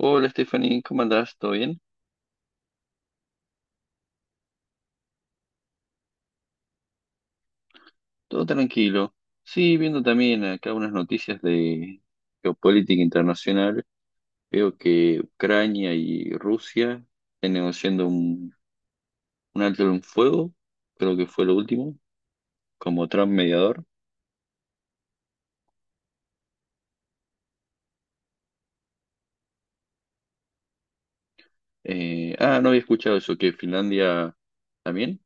Hola Stephanie, ¿cómo andás? ¿Todo bien? Todo tranquilo. Sí, viendo también acá unas noticias de geopolítica internacional, veo que Ucrania y Rusia están negociando un alto en fuego, creo que fue lo último, como Trump mediador. No había escuchado eso, que Finlandia también.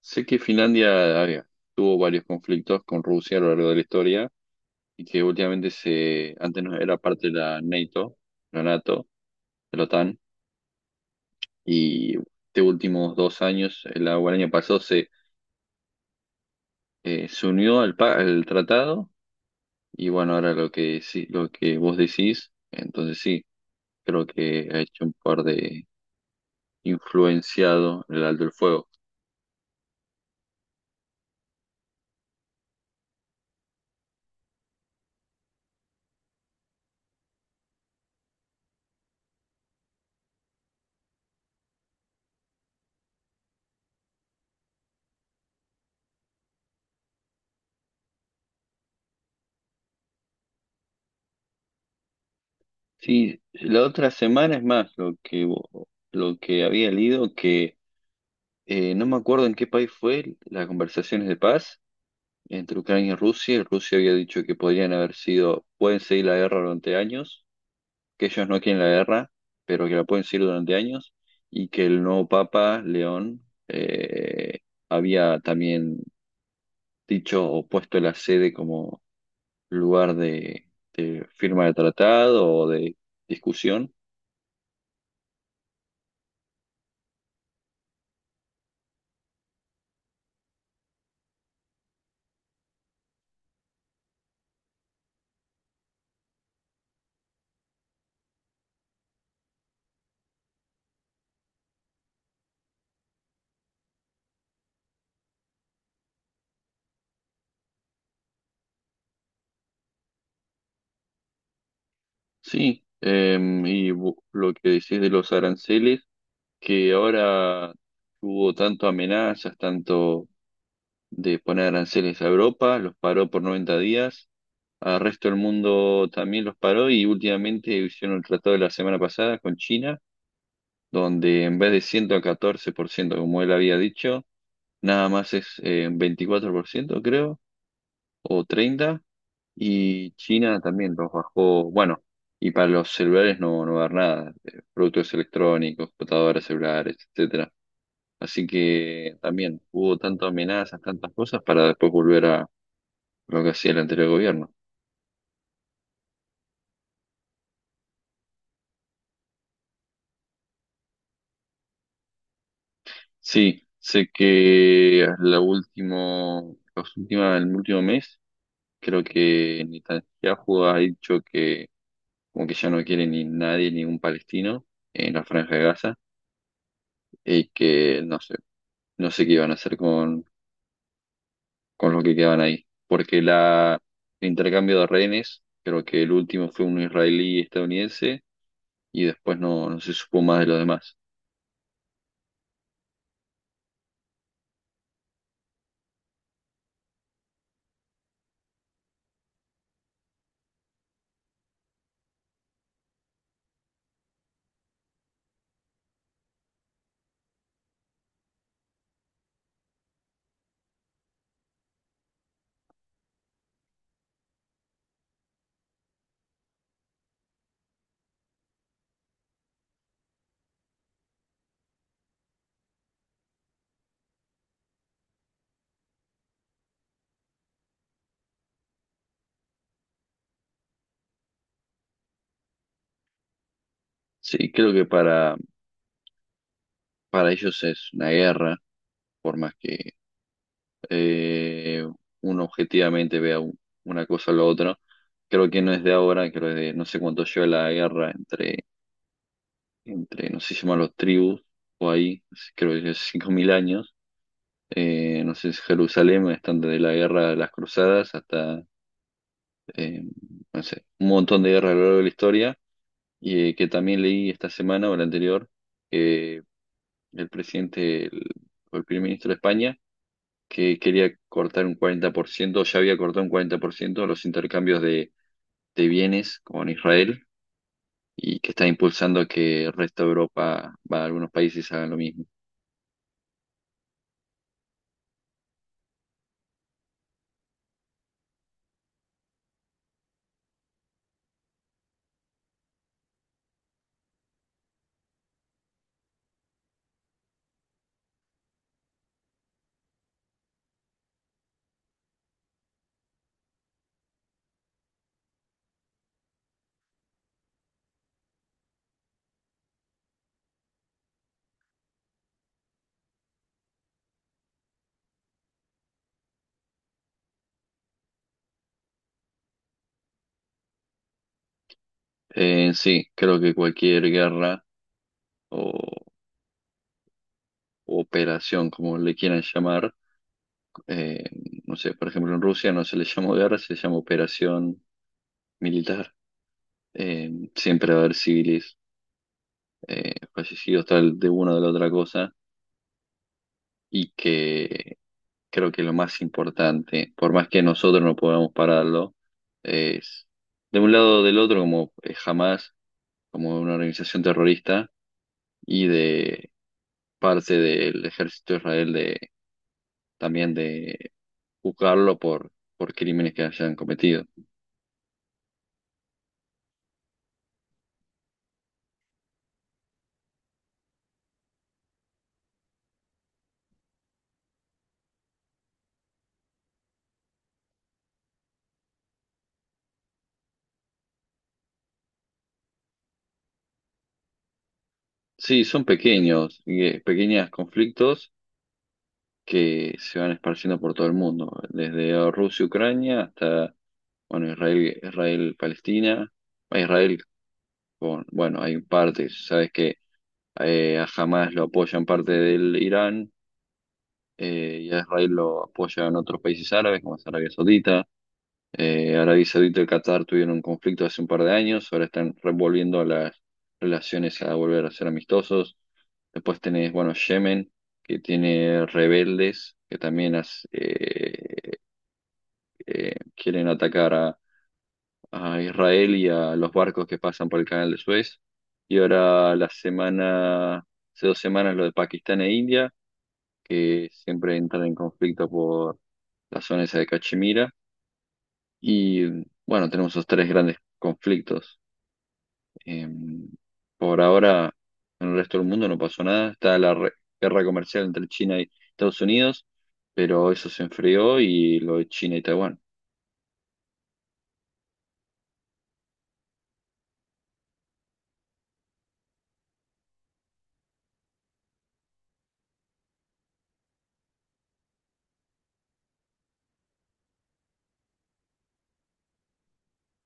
Sé que Finlandia a tuvo varios conflictos con Rusia a lo largo de la historia y que últimamente antes no era parte de la NATO, la NATO, de la OTAN y de últimos dos años, el año pasado, se unió al tratado. Y bueno, ahora lo que vos decís, entonces sí, creo que ha hecho un par de influenciado el alto el fuego. Sí, la otra semana es más lo que había leído, que no me acuerdo en qué país fue las conversaciones de paz entre Ucrania y Rusia. Rusia había dicho que podrían haber sido, pueden seguir la guerra durante años, que ellos no quieren la guerra, pero que la pueden seguir durante años, y que el nuevo Papa León había también dicho o puesto la sede como lugar de firma de tratado o de discusión. Sí, lo que decís de los aranceles, que ahora hubo tanto amenazas, tanto de poner aranceles a Europa, los paró por 90 días. Al resto del mundo también los paró y últimamente hicieron el tratado de la semana pasada con China, donde en vez de 114% como él había dicho, nada más es 24%, creo, o 30%, y China también los bajó. Bueno, y para los celulares no va a haber nada, productos electrónicos, computadoras celulares, etcétera. Así que también hubo tantas amenazas, tantas cosas para después volver a lo que hacía el anterior gobierno. Sí, sé que la último, el último mes creo que Netanyahu ha dicho que como que ya no quiere ni nadie, ningún palestino en la Franja de Gaza y que no sé, no sé qué iban a hacer con los que quedaban ahí. Porque el intercambio de rehenes, creo que el último fue un israelí estadounidense y después no se supo más de los demás. Sí, creo que para ellos es una guerra por más que eh, uno objetivamente vea una cosa o la otra. Creo que no es de ahora, creo que de no sé cuánto lleva la guerra entre no sé si se llaman los tribus o ahí, creo que es 5000 años. No sé si Jerusalén, están desde la guerra de las cruzadas hasta, eh, no sé, un montón de guerras a lo largo de la historia. Y que también leí esta semana o la anterior, que el presidente, el primer ministro de España, que quería cortar un 40%, ya había cortado un 40% los intercambios de bienes con Israel y que está impulsando que el resto de Europa, va, algunos países hagan lo mismo. Sí, creo que cualquier guerra o o operación, como le quieran llamar, eh, no sé, por ejemplo, en Rusia no se le llamó guerra, se llama operación militar. Siempre va a haber civiles fallecidos, tal de una o de la otra cosa, y que creo que lo más importante, por más que nosotros no podamos pararlo, es de un lado o del otro, como jamás como una organización terrorista, y de parte del ejército de Israel de también de juzgarlo por crímenes que hayan cometido. Sí, son pequeños, y, pequeños conflictos que se van esparciendo por todo el mundo, desde Rusia, Ucrania hasta bueno, Israel, Palestina, Israel con, bueno, hay partes, sabes que a Hamas lo apoyan parte del Irán y a Israel lo apoyan otros países árabes como es Arabia Saudita. Arabia Saudita y Qatar tuvieron un conflicto hace un par de años, ahora están revolviendo las relaciones a volver a ser amistosos. Después tenés, bueno, Yemen, que tiene rebeldes que también quieren atacar a Israel y a los barcos que pasan por el canal de Suez. Y ahora hace 2 semanas lo de Pakistán e India, que siempre entran en conflicto por la zona esa de Cachemira. Y bueno, tenemos esos tres grandes conflictos. Eh, por ahora, en el resto del mundo no pasó nada. Está la guerra comercial entre China y Estados Unidos, pero eso se enfrió y lo de China y Taiwán.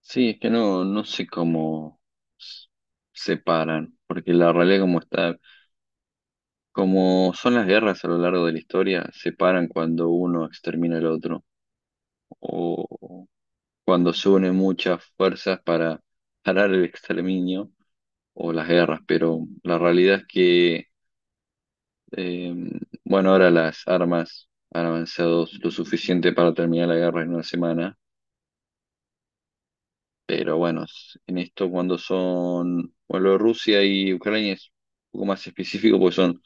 Sí, es que no, no sé cómo s- separan, porque la realidad como está, como son las guerras a lo largo de la historia, separan cuando uno extermina al otro, o cuando se unen muchas fuerzas para parar el exterminio o las guerras, pero la realidad es que, eh, bueno, ahora las armas han avanzado lo suficiente para terminar la guerra en una semana. Pero bueno, en esto cuando son, bueno, lo de Rusia y Ucrania es un poco más específico porque son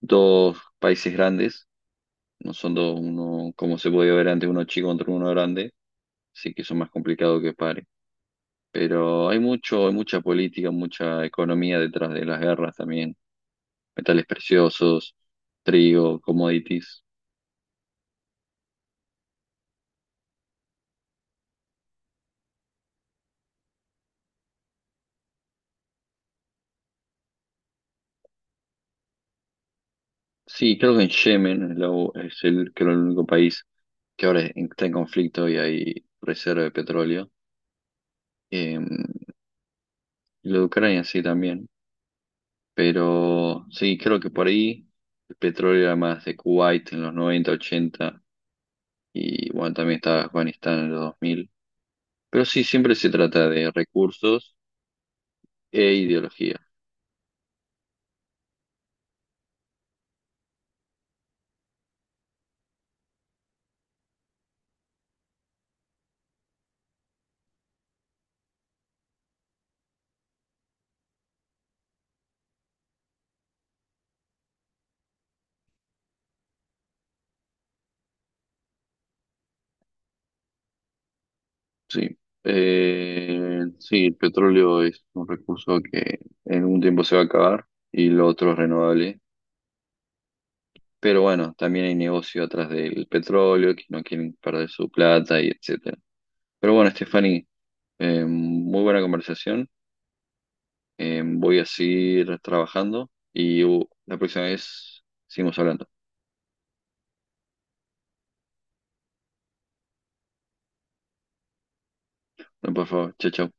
dos países grandes, no son dos, uno, como se podía ver antes, uno chico contra uno grande, así que son más complicados que pare. Pero hay mucha política, mucha economía detrás de las guerras también, metales preciosos, trigo, commodities. Sí, creo que en Yemen es el, creo el único país que ahora está en conflicto y hay reserva de petróleo. Em, Lo de Ucrania sí también, pero sí, creo que por ahí el petróleo era más de Kuwait en los noventa, ochenta y bueno, también estaba Afganistán en los 2000. Pero sí, siempre se trata de recursos e ideología, sí. Sí, el petróleo es un recurso que en un tiempo se va a acabar y lo otro es renovable. Pero bueno, también hay negocio atrás del petróleo, que no quieren perder su plata y etcétera. Pero bueno, Stephanie, muy buena conversación. Voy a seguir trabajando y la próxima vez seguimos hablando. Por favor, chao, chao.